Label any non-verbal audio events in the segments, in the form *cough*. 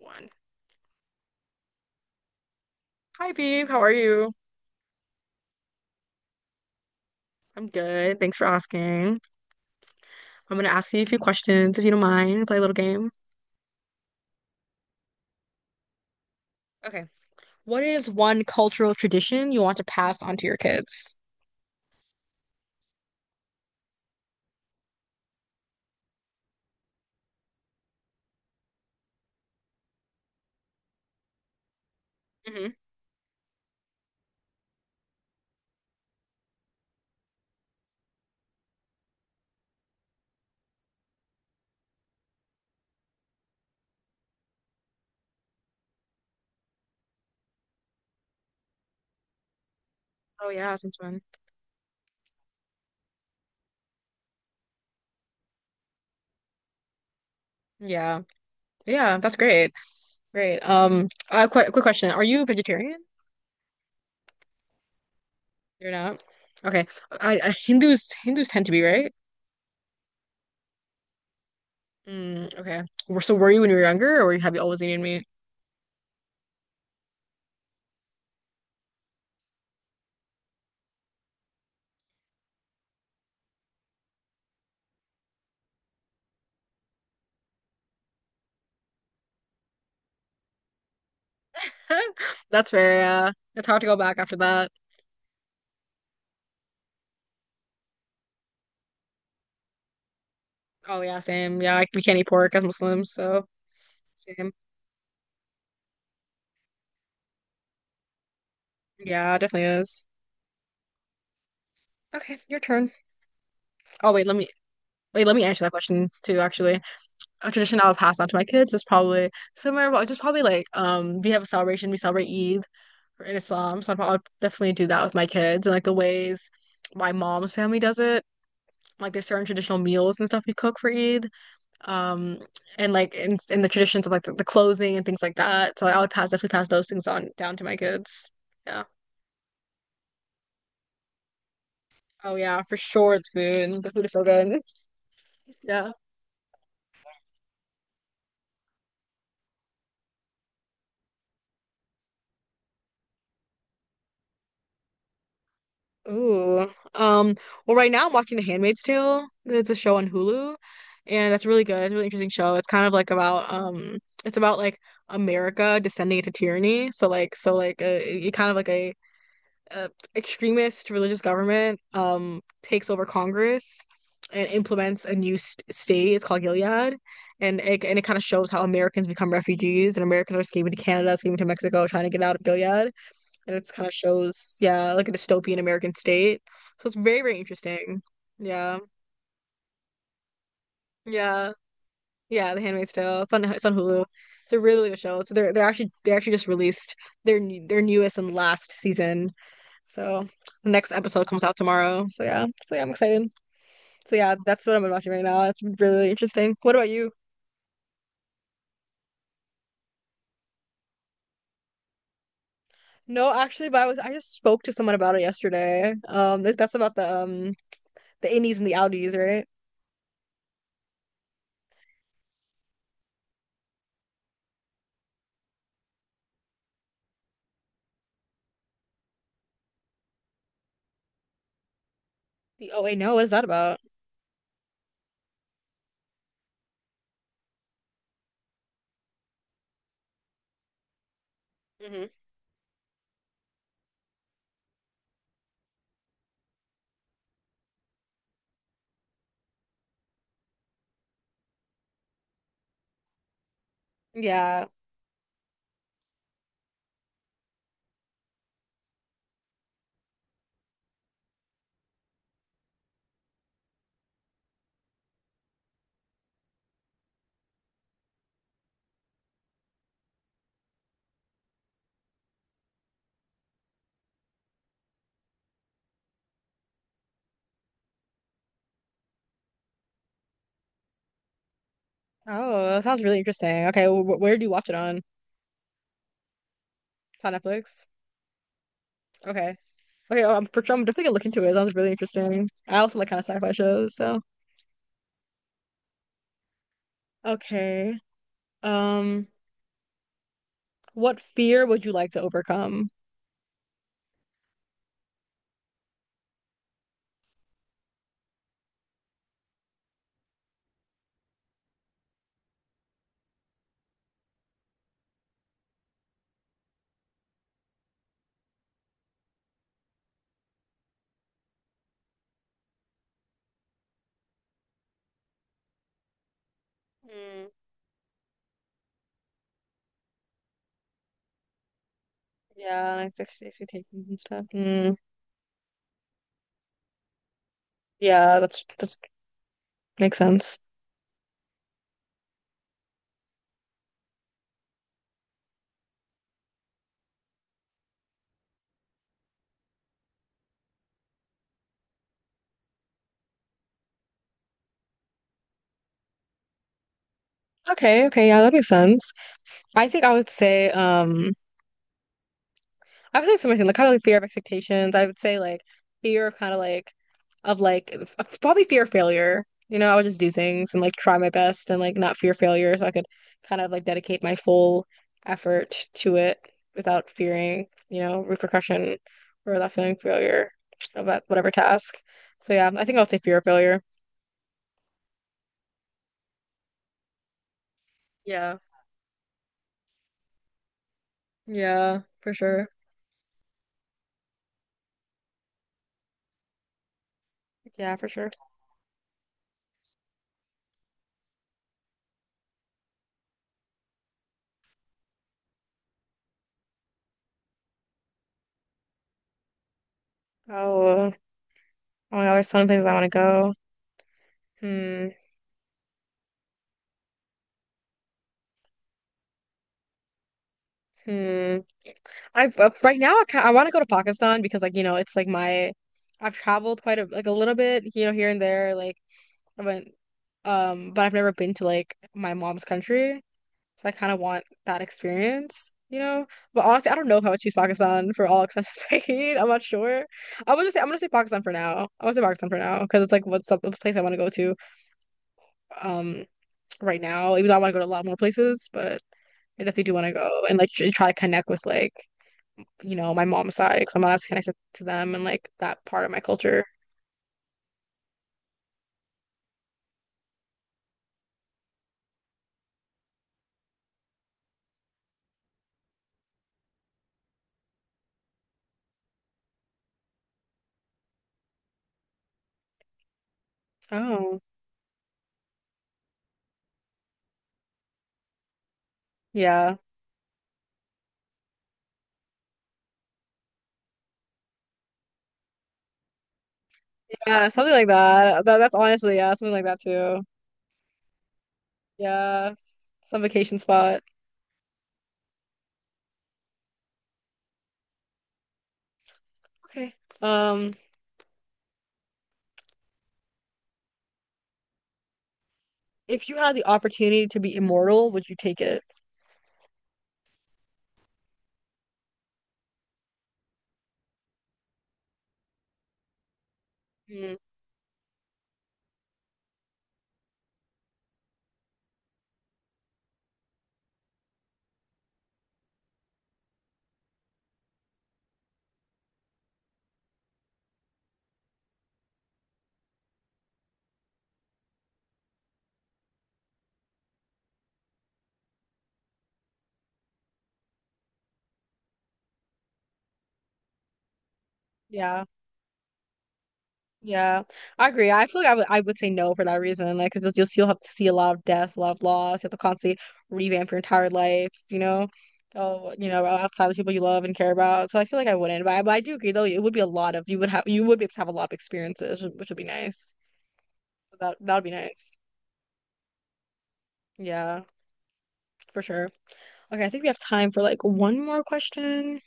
One. Hi, Beeb. How are you? I'm good. Thanks for asking. I'm going to ask you a few questions if you don't mind. Play a little game. Okay. What is one cultural tradition you want to pass on to your kids? hmm Oh, yeah, since when? Yeah. Yeah, that's great. Great. Quick question. Are you vegetarian? You're not? Okay. I Hindus Hindus tend to be, right? Mm, okay. So were you when you were younger, or have you always eaten meat? *laughs* That's fair, yeah. It's hard to go back after that. Oh yeah, same. Yeah, like, we can't eat pork as Muslims, so same. Yeah, it definitely is. Okay, your turn. Oh wait, let me wait, let me answer that question too, actually. A tradition I would pass on to my kids is probably similar, but just probably like we have a celebration, we celebrate Eid in Islam, so I'd probably definitely do that with my kids and like the ways my mom's family does it. Like there's certain traditional meals and stuff we cook for Eid. um and like in the traditions of like the clothing and things like that, so I would pass, definitely pass those things on down to my kids, yeah. Oh yeah, for sure. It's food, the food is so good. *laughs* Yeah. Ooh, um, well, right now I'm watching The Handmaid's Tale. It's a show on Hulu and it's really good. It's a really interesting show. It's kind of like about it's about like America descending into tyranny, so it kind of like a uh, extremist religious government takes over Congress and implements a new st state. It's called Gilead, and it, and it kind of shows how Americans become refugees and Americans are escaping to Canada, escaping to Mexico, trying to get out of Gilead, and it's kind of shows, yeah, like a dystopian American state. So it's very, very interesting. Yeah, yeah, yeah. The Handmaid's Tale. It's on Hulu. It's a really good show. So they're actually they actually just released their their newest and last season. So the next episode comes out tomorrow. So yeah, so yeah, I'm excited. So yeah, that's what I'm watching right now. It's really interesting. What about you? No, actually, but I was I just spoke to someone about it yesterday. That's about the the innies and the outies, right? No, what is that about? hmm Yeah. Oh, that sounds really interesting. Okay, wh where do you watch it on? It's on Netflix. Okay. Okay, oh, I'm for sure, I'm definitely gonna look into it. It sounds really interesting. I also like kind of sci-fi shows, so. Okay. Um, what fear would you like to overcome? Yeah, like the safety taping and stuff. Mm, yeah, that's makes sense. Okay, okay, yeah, that makes sense. I think I would say similar thing, like kind of like fear of expectations. I would say like fear of of like probably fear of failure. You know, I would just do things and like try my best and like not fear failure, so I could kind of like dedicate my full effort to it without fearing, you know, repercussion or without feeling failure about whatever task. So yeah, I think I would say fear of failure. Yeah. Yeah, for sure. Yeah, for sure. Oh, oh my God, there's so many places I want to go. Hmm, hmm. I've right now I, ki- I want to go to Pakistan because like you know it's like my I've traveled quite a like a little bit, you know, here and there, like I went, um, but I've never been to like my mom's country, so I kind of want that experience, you know. But honestly, I don't know if I would choose Pakistan for all expenses *laughs* paid, I'm not sure. I would just say I'm gonna say Pakistan for now I would say Pakistan for now because it's like what's up the place I want to go to, um, right now, even though I want to go to a lot more places. But I definitely do want to go and like try to connect with, like, you know, my mom's side, because I'm not as connected to them and like that part of my culture. Oh, yeah. Yeah, something like that. That that's honestly, yeah, something like that too. Yeah, some vacation spot. Okay. Um, if you had the opportunity to be immortal, would you take it? Mm, yeah. Yeah, I agree. I feel like I would say no for that reason. Like, because you'll have to see a lot of death, a lot of loss. You have to constantly revamp your entire life, you know, oh, you know, outside of the people you love and care about. So I feel like I wouldn't. But but I do agree though. It would be a lot of, you would have, you would be able to have a lot of experiences, which would be nice. That that would be nice. Yeah, for sure. Okay, I think we have time for like one more question.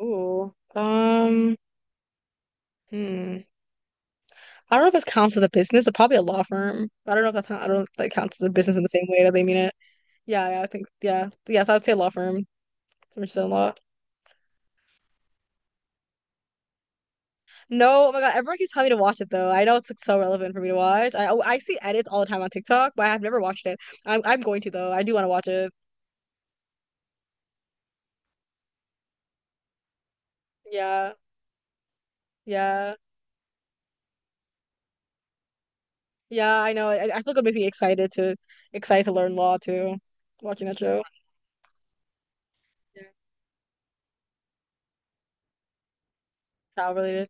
Ooh. Hmm. I don't know if this counts as a business. It's probably a law firm. But I don't know if that's how, I don't know if that counts as a business in the same way that they mean it. Yeah, yeah, I think yeah. Yes, I would say law firm. Richardson Law. No, oh my God, everyone keeps telling me to watch it though. I know it's like so relevant for me to watch. I, oh, I see edits all the time on TikTok, but I have never watched it. I'm going to though. I do want to watch it. Yeah, yeah, yeah. I know. I feel like it would make me excited to learn law too. Watching that show. Yeah. Child related.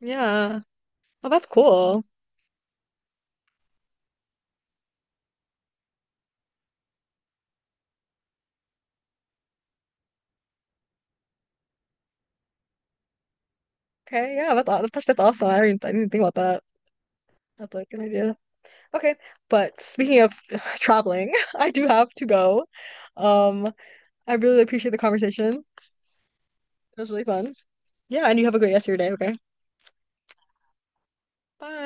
Yeah. Oh, that's cool. Okay. Yeah, that's that's awesome. I didn't think about that. That's like an idea. Okay, but speaking of *sighs* traveling, *laughs* I do have to go. Um, I really appreciate the conversation. It was really fun. Yeah, and you have a great rest of your day, okay? Bye.